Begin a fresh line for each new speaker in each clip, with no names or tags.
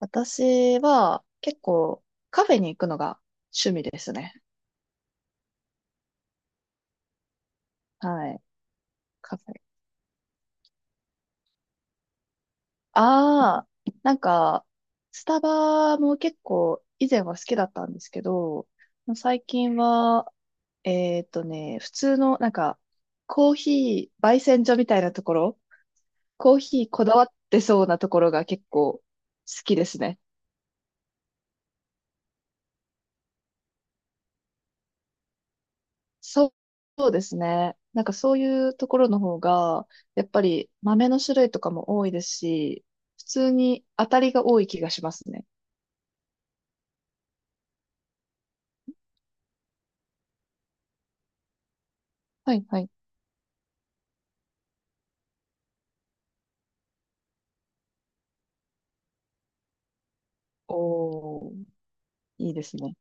私は結構カフェに行くのが趣味ですね。はい。カフェ。ああ、なんか、スタバも結構以前は好きだったんですけど、最近は、普通のコーヒー焙煎所みたいなところ、コーヒーこだわってそうなところが結構好きですね。そうそうですね。なんかそういうところの方が、やっぱり豆の種類とかも多いですし、普通に当たりが多い気がしますね。はいはい。おー、いいですね。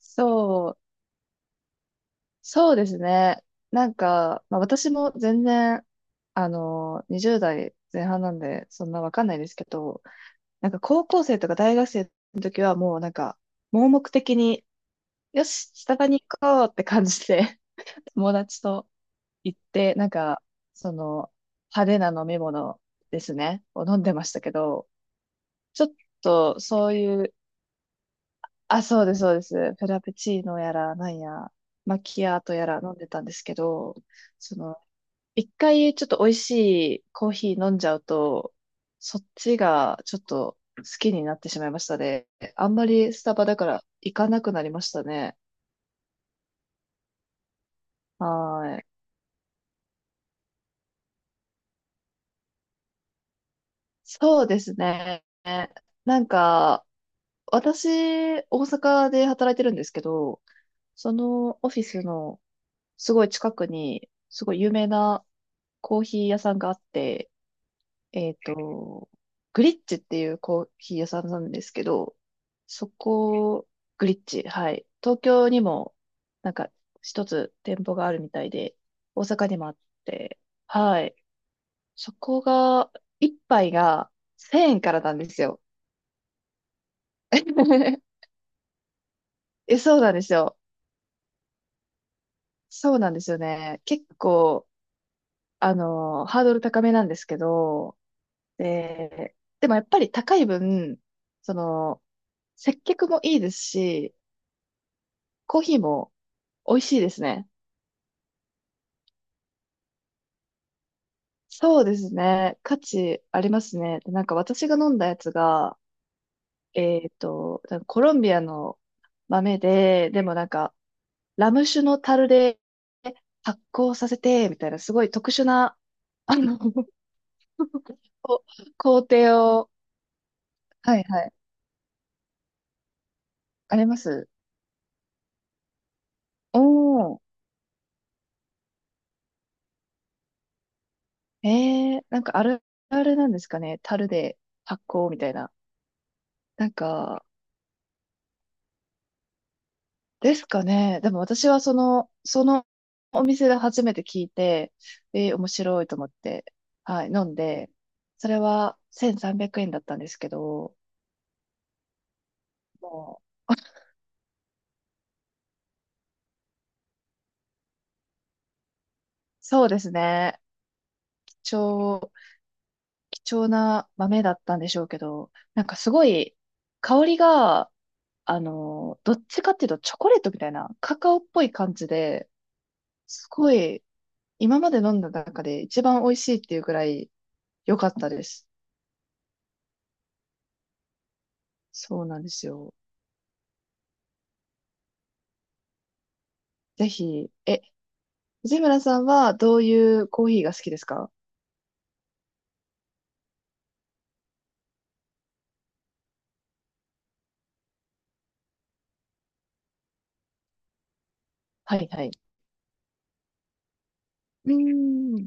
そう、そうですね。まあ私も全然、あの、20代前半なんで、そんなわかんないですけど、なんか高校生とか大学生の時はもう盲目的に、よし、スタバに行こうって感じで、友達と行って、その、派手な飲み物ですね、を飲んでましたけど、ちょっとそういう、あ、そうです、そうです。フェラペチーノやら、なんや、マキアートやら飲んでたんですけど、その、一回ちょっと美味しいコーヒー飲んじゃうと、そっちがちょっと好きになってしまいましたね。あんまりスタバだから行かなくなりましたね。はーい。そうですね。なんか、私、大阪で働いてるんですけど、そのオフィスのすごい近くに、すごい有名なコーヒー屋さんがあって、えっと、グリッチっていうコーヒー屋さんなんですけど、そこ、グリッチ、はい。東京にも、なんか、一つ店舗があるみたいで、大阪にもあって、はい。そこが、一杯が1000円からなんですよ。え、そうなんですよ。そうなんですよね。結構、あの、ハードル高めなんですけど、で、でもやっぱり高い分、その、接客もいいですし、コーヒーも美味しいですね。そうですね。価値ありますね。で私が飲んだやつが、えっと、多分コロンビアの豆で、でもなんか、ラム酒の樽で発酵させて、みたいな、すごい特殊な、あの、こ工程を、はいはい。あります。おー、えー、なんかあるあるなんですかね。樽で発酵みたいな。なんか、ですかね。でも私はその、そのお店で初めて聞いて、えー、面白いと思って、はい、飲んで、それは1300円だったんですけど、もう、そうですね。貴重、貴重な豆だったんでしょうけど、なんかすごい、香りが、あの、どっちかっていうとチョコレートみたいな、カカオっぽい感じで、すごい今まで飲んだ中で一番美味しいっていうくらい良かったです。そうなんですよ。ぜひ、え、藤村さんはどういうコーヒーが好きですか？はいはい。うーん。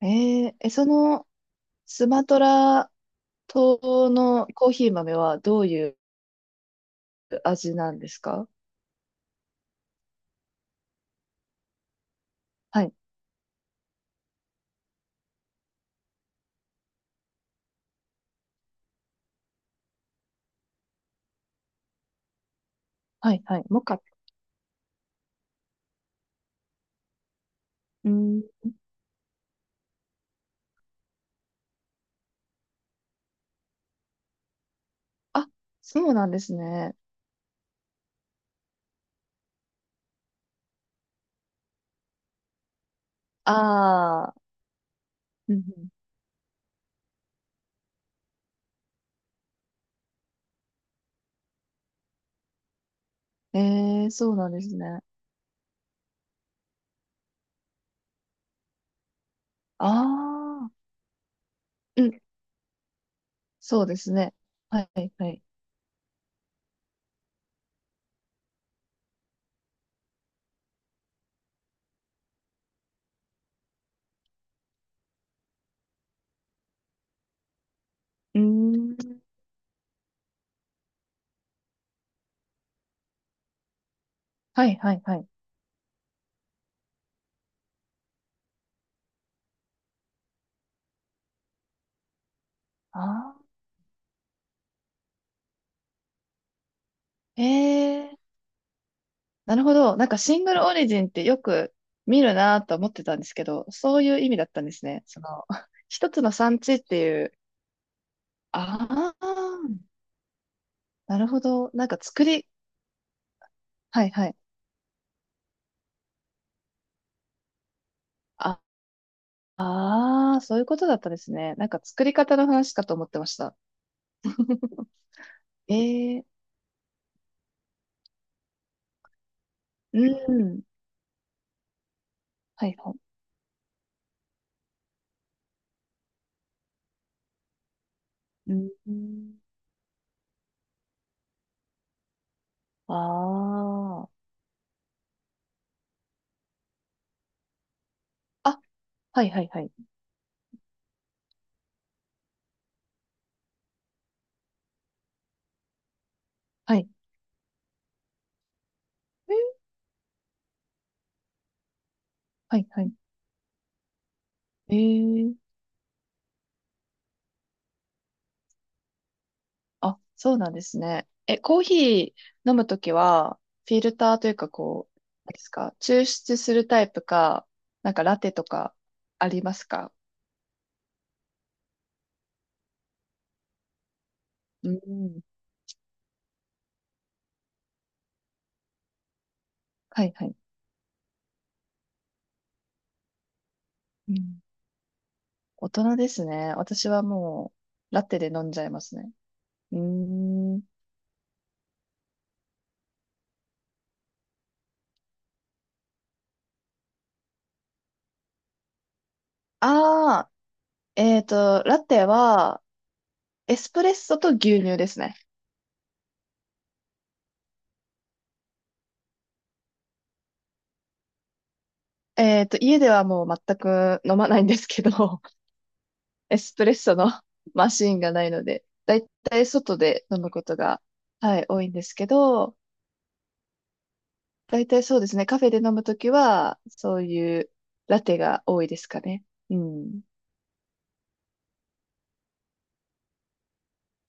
えーえ、そのスマトラ島のコーヒー豆はどういう味なんですか？はい、はい、はい。モカ。うーん。あ、そうなんですね。ああ。うんうん。えー、そうなんですね。ああ。うん、そうですね。はい、はいはい。うーん。はいはいはい。ああ。ええ。なるほど。なんかシングルオリジンってよく見るなと思ってたんですけど、そういう意味だったんですね。その、一つの産地っていう。ああ、なるほど。なんか作り、はいはい。ああー、そういうことだったですね。なんか作り方の話かと思ってました。ええ。うん。はいはい。うん。ああ。あ、はいはいはい。はい。えー、はいはい。え、あ、そうなんですね。え、コーヒー飲むときは、フィルターというか、こう、なんですか、抽出するタイプか、なんかラテとかありますか？うん。はいはい。うん。大人ですね。私はもう、ラテで飲んじゃいますね。うーん。ああ、えっと、ラテは、エスプレッソと牛乳ですね。えっと、家ではもう全く飲まないんですけど、エスプレッソの マシーンがないので、だいたい外で飲むことが、はい、多いんですけど、だいたいそうですね、カフェで飲むときは、そういうラテが多いですかね。うん。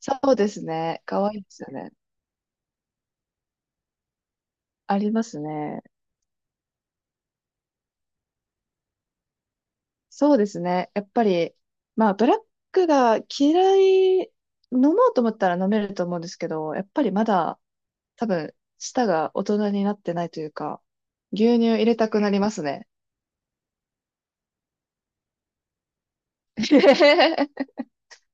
そうですね、かわいいですよね。ありますね。そうですね、やっぱり、まあ、ブラックが嫌い、飲もうと思ったら飲めると思うんですけど、やっぱりまだ、多分、舌が大人になってないというか、牛乳入れたくなりますね。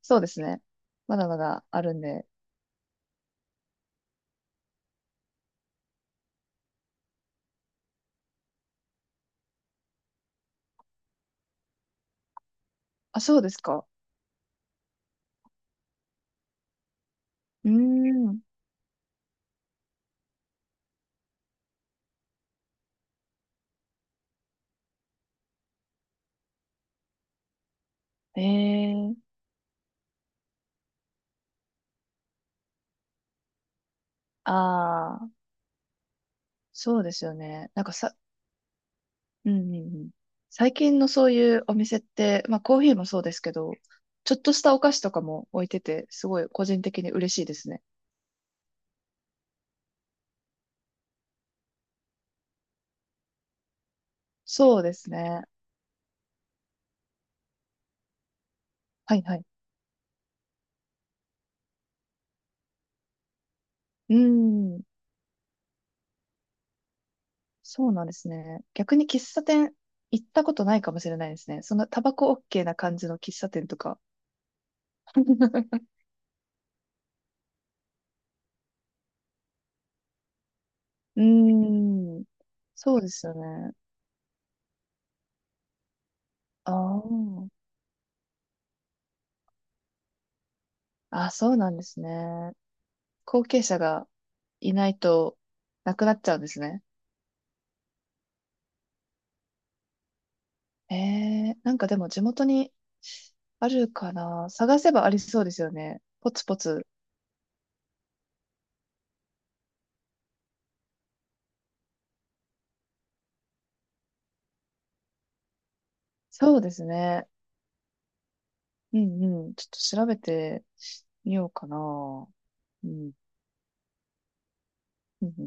そうですね。まだまだあるんで。あ、そうですか。うーん。ええ。ああー、そうですよね。なんかさ、うんうんうん。最近のそういうお店って、まあコーヒーもそうですけど、ちょっとしたお菓子とかも置いてて、すごい個人的に嬉しいですね。そうですね。はいはい。うーん。そうなんですね。逆に喫茶店行ったことないかもしれないですね。そんなタバコ OK な感じの喫茶店とか。うーん。そうですよね。ああ。あ、そうなんですね。後継者がいないと、なくなっちゃうんですね。ええ、なんかでも地元にあるかな。探せばありそうですよね。ポツポツ。そうですね。うんうん。ちょっと調べてみようかな。うん。うんうん